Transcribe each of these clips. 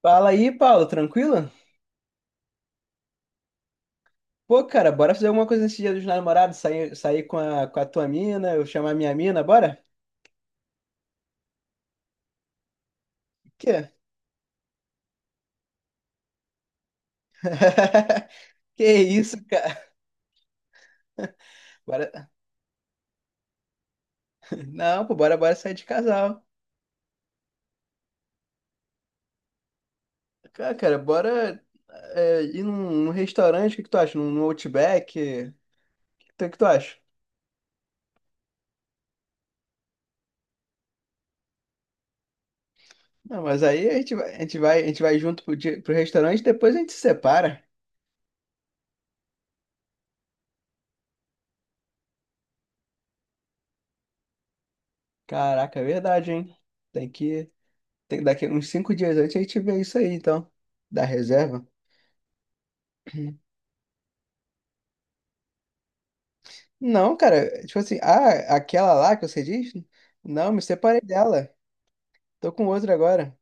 Fala aí, Paulo, tranquilo? Pô, cara, bora fazer alguma coisa nesse dia dos namorados, sair, sair com a tua mina, eu chamar minha mina, bora? Quê? Que isso, cara? Bora... Não, pô, bora, bora sair de casal. Cara, bora ir num restaurante, o que que tu acha? Num Outback? O que tu acha? Não, mas aí a gente vai, a gente vai, a gente vai junto pro restaurante, depois a gente se separa. Caraca, é verdade, hein? Tem que, daqui uns cinco dias antes a gente vê isso aí, então. Da reserva. Não, cara, tipo assim, ah, aquela lá que você diz? Não, me separei dela. Tô com outra agora.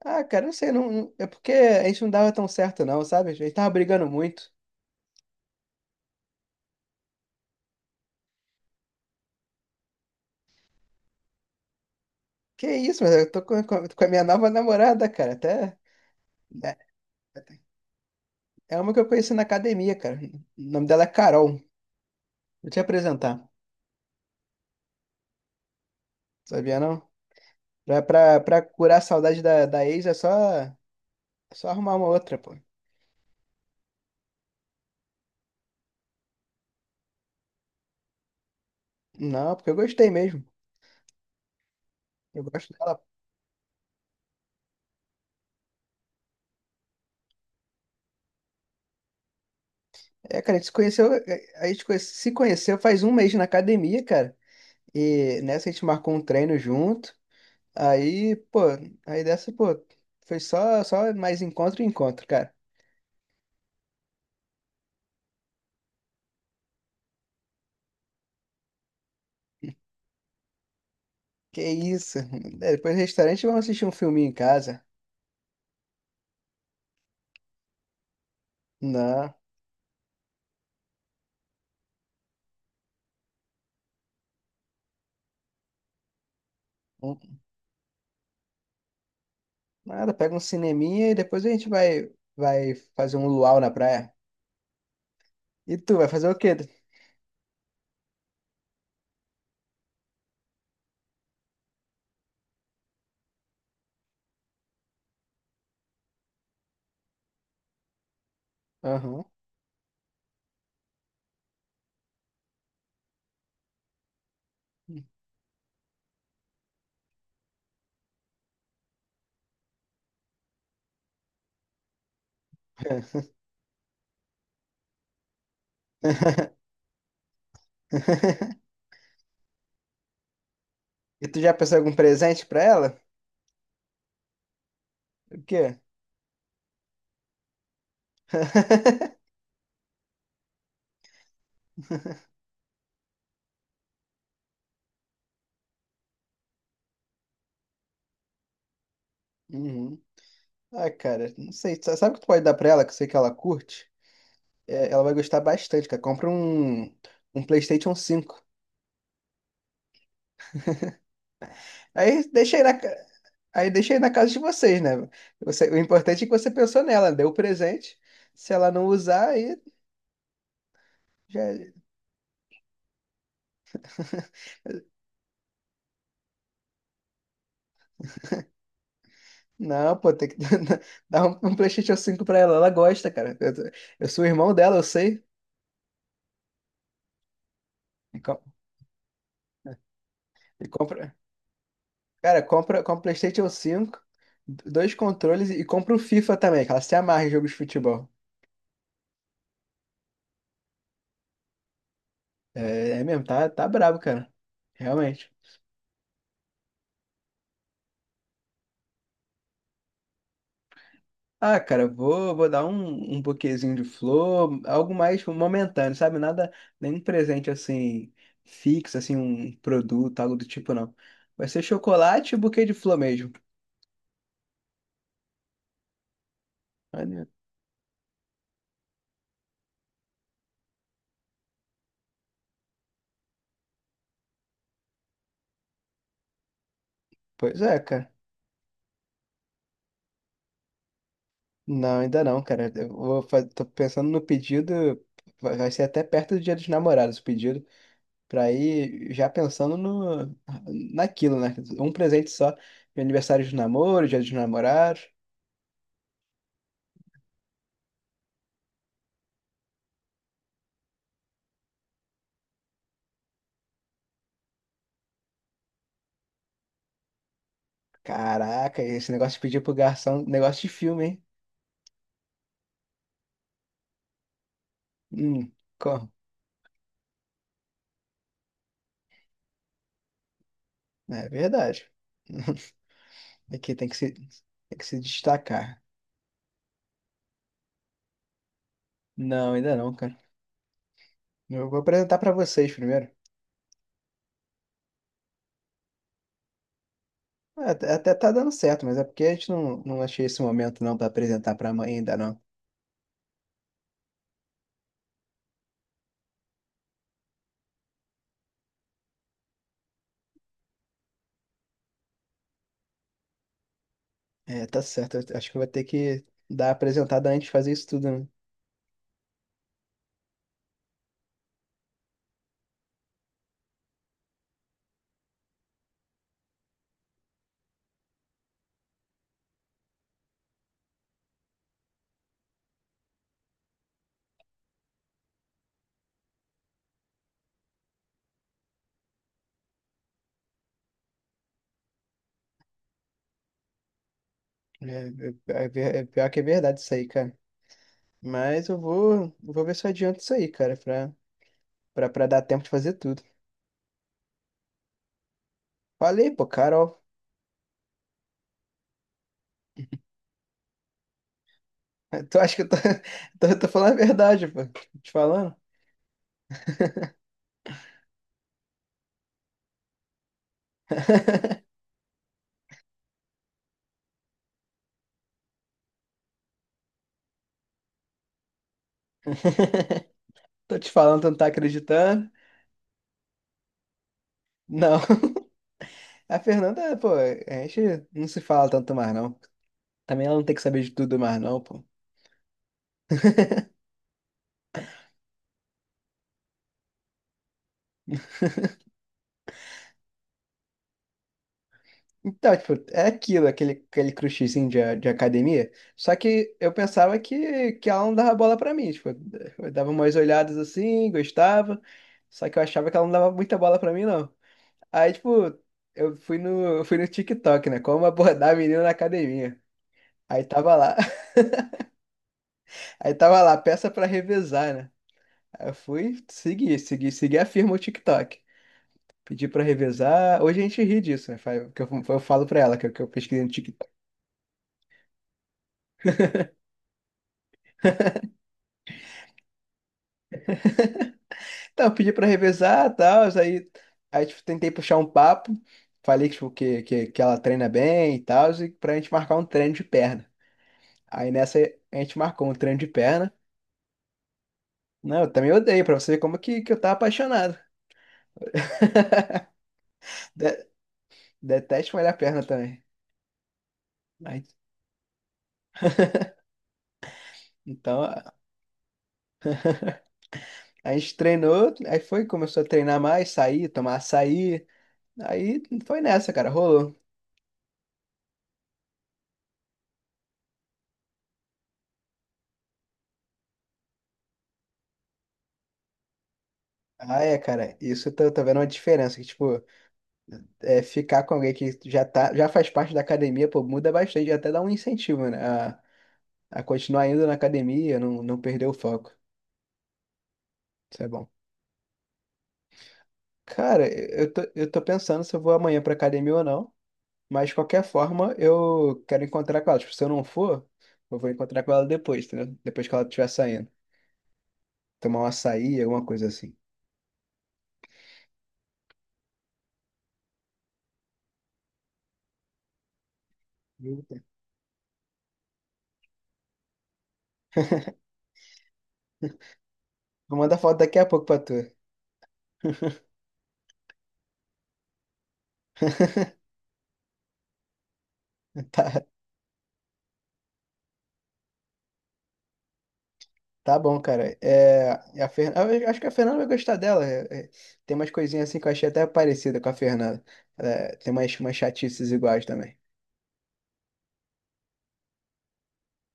Ah, cara, não sei, é porque a gente não dava tão certo, não, sabe? A gente tava brigando muito. Que isso, mas eu tô com a minha nova namorada, cara, até. É é uma que eu conheci na academia, cara. O nome dela é Carol. Vou te apresentar, sabia não? Pra curar a saudade da ex é só, é só arrumar uma outra, pô. Não, porque eu gostei mesmo. Eu gosto dela. É, cara, a gente se conheceu, se conheceu faz um mês na academia, cara. E nessa a gente marcou um treino junto. Aí, pô, aí dessa, pô, foi só, só mais encontro e encontro, cara. Que isso? É, depois do restaurante vamos assistir um filminho em casa. Não, um- nada, pega um cineminha e depois vai fazer um luau na praia. E tu vai fazer o quê? Aham. E tu já pensou em algum presente pra ela? O quê? Uhum. Ah, cara, não sei. Sabe o que tu pode dar pra ela, que eu sei que ela curte? É, ela vai gostar bastante, cara. Compra um PlayStation cinco. Aí deixa aí na. Aí deixei na casa de vocês, né? Você- o importante é que você pensou nela, deu o presente. Se ela não usar, aí já. É. Não, pô, tem que dar um PlayStation cinco pra ela. Ela gosta, cara. Eu sou o irmão dela, eu sei. E, com- e compra. Cara, compra, compra PlayStation 5, dois controles e compra o FIFA também, que ela se amarra em jogos de futebol. É, é mesmo, tá, tá brabo, cara. Realmente. Ah, cara, vou, vou dar um buquêzinho de flor, algo mais tipo, momentâneo, sabe? Nada, nenhum presente assim, fixo, assim, um produto, algo do tipo, não. Vai ser chocolate e buquê de flor mesmo. Olha, pois é, cara. Não, ainda não, cara. Tô pensando no pedido, vai vai ser até perto do Dia dos Namorados o pedido, pra ir já pensando no, naquilo, né? Um presente só, de aniversário de namoro, Dia dos Namorados. Caraca, esse negócio de pedir pro garçom, negócio de filme, hein? Hum, como? É verdade. Aqui tem que se destacar. Não, ainda não, cara. Eu vou apresentar pra vocês primeiro. Ah, até tá dando certo, mas é porque a gente não, não achei esse momento não pra apresentar pra mãe ainda não. É, tá certo. Eu acho que eu vou ter que dar a apresentada antes de fazer isso tudo, né? É, é pior que é verdade isso aí, cara. Mas eu vou, eu vou ver se eu adianto isso aí, cara, pra dar tempo de fazer tudo. Falei, pô, Carol. Tu acha que tô falando a verdade, pô? Tô te falando? Tô te falando, tu não tá acreditando? Não. A Fernanda, pô, a gente não se fala tanto mais, não. Também ela não tem que saber de tudo mais, não, pô. Então, tipo, é aquilo, aquele crushzinho de academia. Só que eu pensava que ela não dava bola pra mim. Tipo, eu dava umas olhadas assim, gostava. Só que eu achava que ela não dava muita bola pra mim, não. Aí, tipo, eu fui no TikTok, né? Como abordar a menina na academia. Aí tava lá, aí tava lá, peça pra revezar, né? Aí eu fui seguir a firma o TikTok. Pedi pra revezar. Hoje a gente ri disso, né? Eu falo pra ela que eu pesquisei no TikTok. Então, eu pedi pra revezar e tal, aí, aí tipo, tentei puxar um papo, falei que, tipo, que ela treina bem e tal, e pra gente marcar um treino de perna. Aí nessa a gente marcou um treino de perna. Não, eu também odeio, pra você ver como que eu tava apaixonado. De- detesto malhar a perna também. Aí, então, a gente treinou, aí foi, começou a treinar mais, sair, tomar açaí. Aí foi nessa, cara, rolou. Ah, é, cara, isso tô vendo uma diferença, que, tipo, é, ficar com alguém que já tá, já faz parte da academia, pô, muda bastante, até dá um incentivo, né? A, a continuar indo na academia, não perder o foco. Isso é bom. Cara, eu tô pensando se eu vou amanhã pra academia ou não, mas de qualquer forma eu quero encontrar com ela. Tipo, se eu não for, eu vou encontrar com ela depois, entendeu? Depois que ela estiver saindo. Tomar um açaí, alguma coisa assim. Eita. Vou mandar foto daqui a pouco pra tu. Tá. Tá bom, cara. É, a Fer... Eu acho que a Fernanda vai gostar dela. É, é, tem umas coisinhas assim que eu achei até parecida com a Fernanda. É, tem umas, umas chatices iguais também.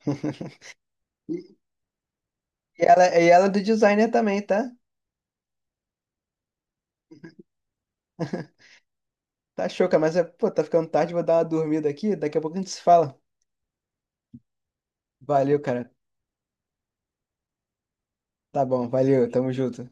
E ela é do designer também, tá? Tá choca, mas é, pô, tá ficando tarde, vou dar uma dormida aqui. Daqui a pouco a gente se fala. Valeu, cara. Tá bom, valeu, tamo junto.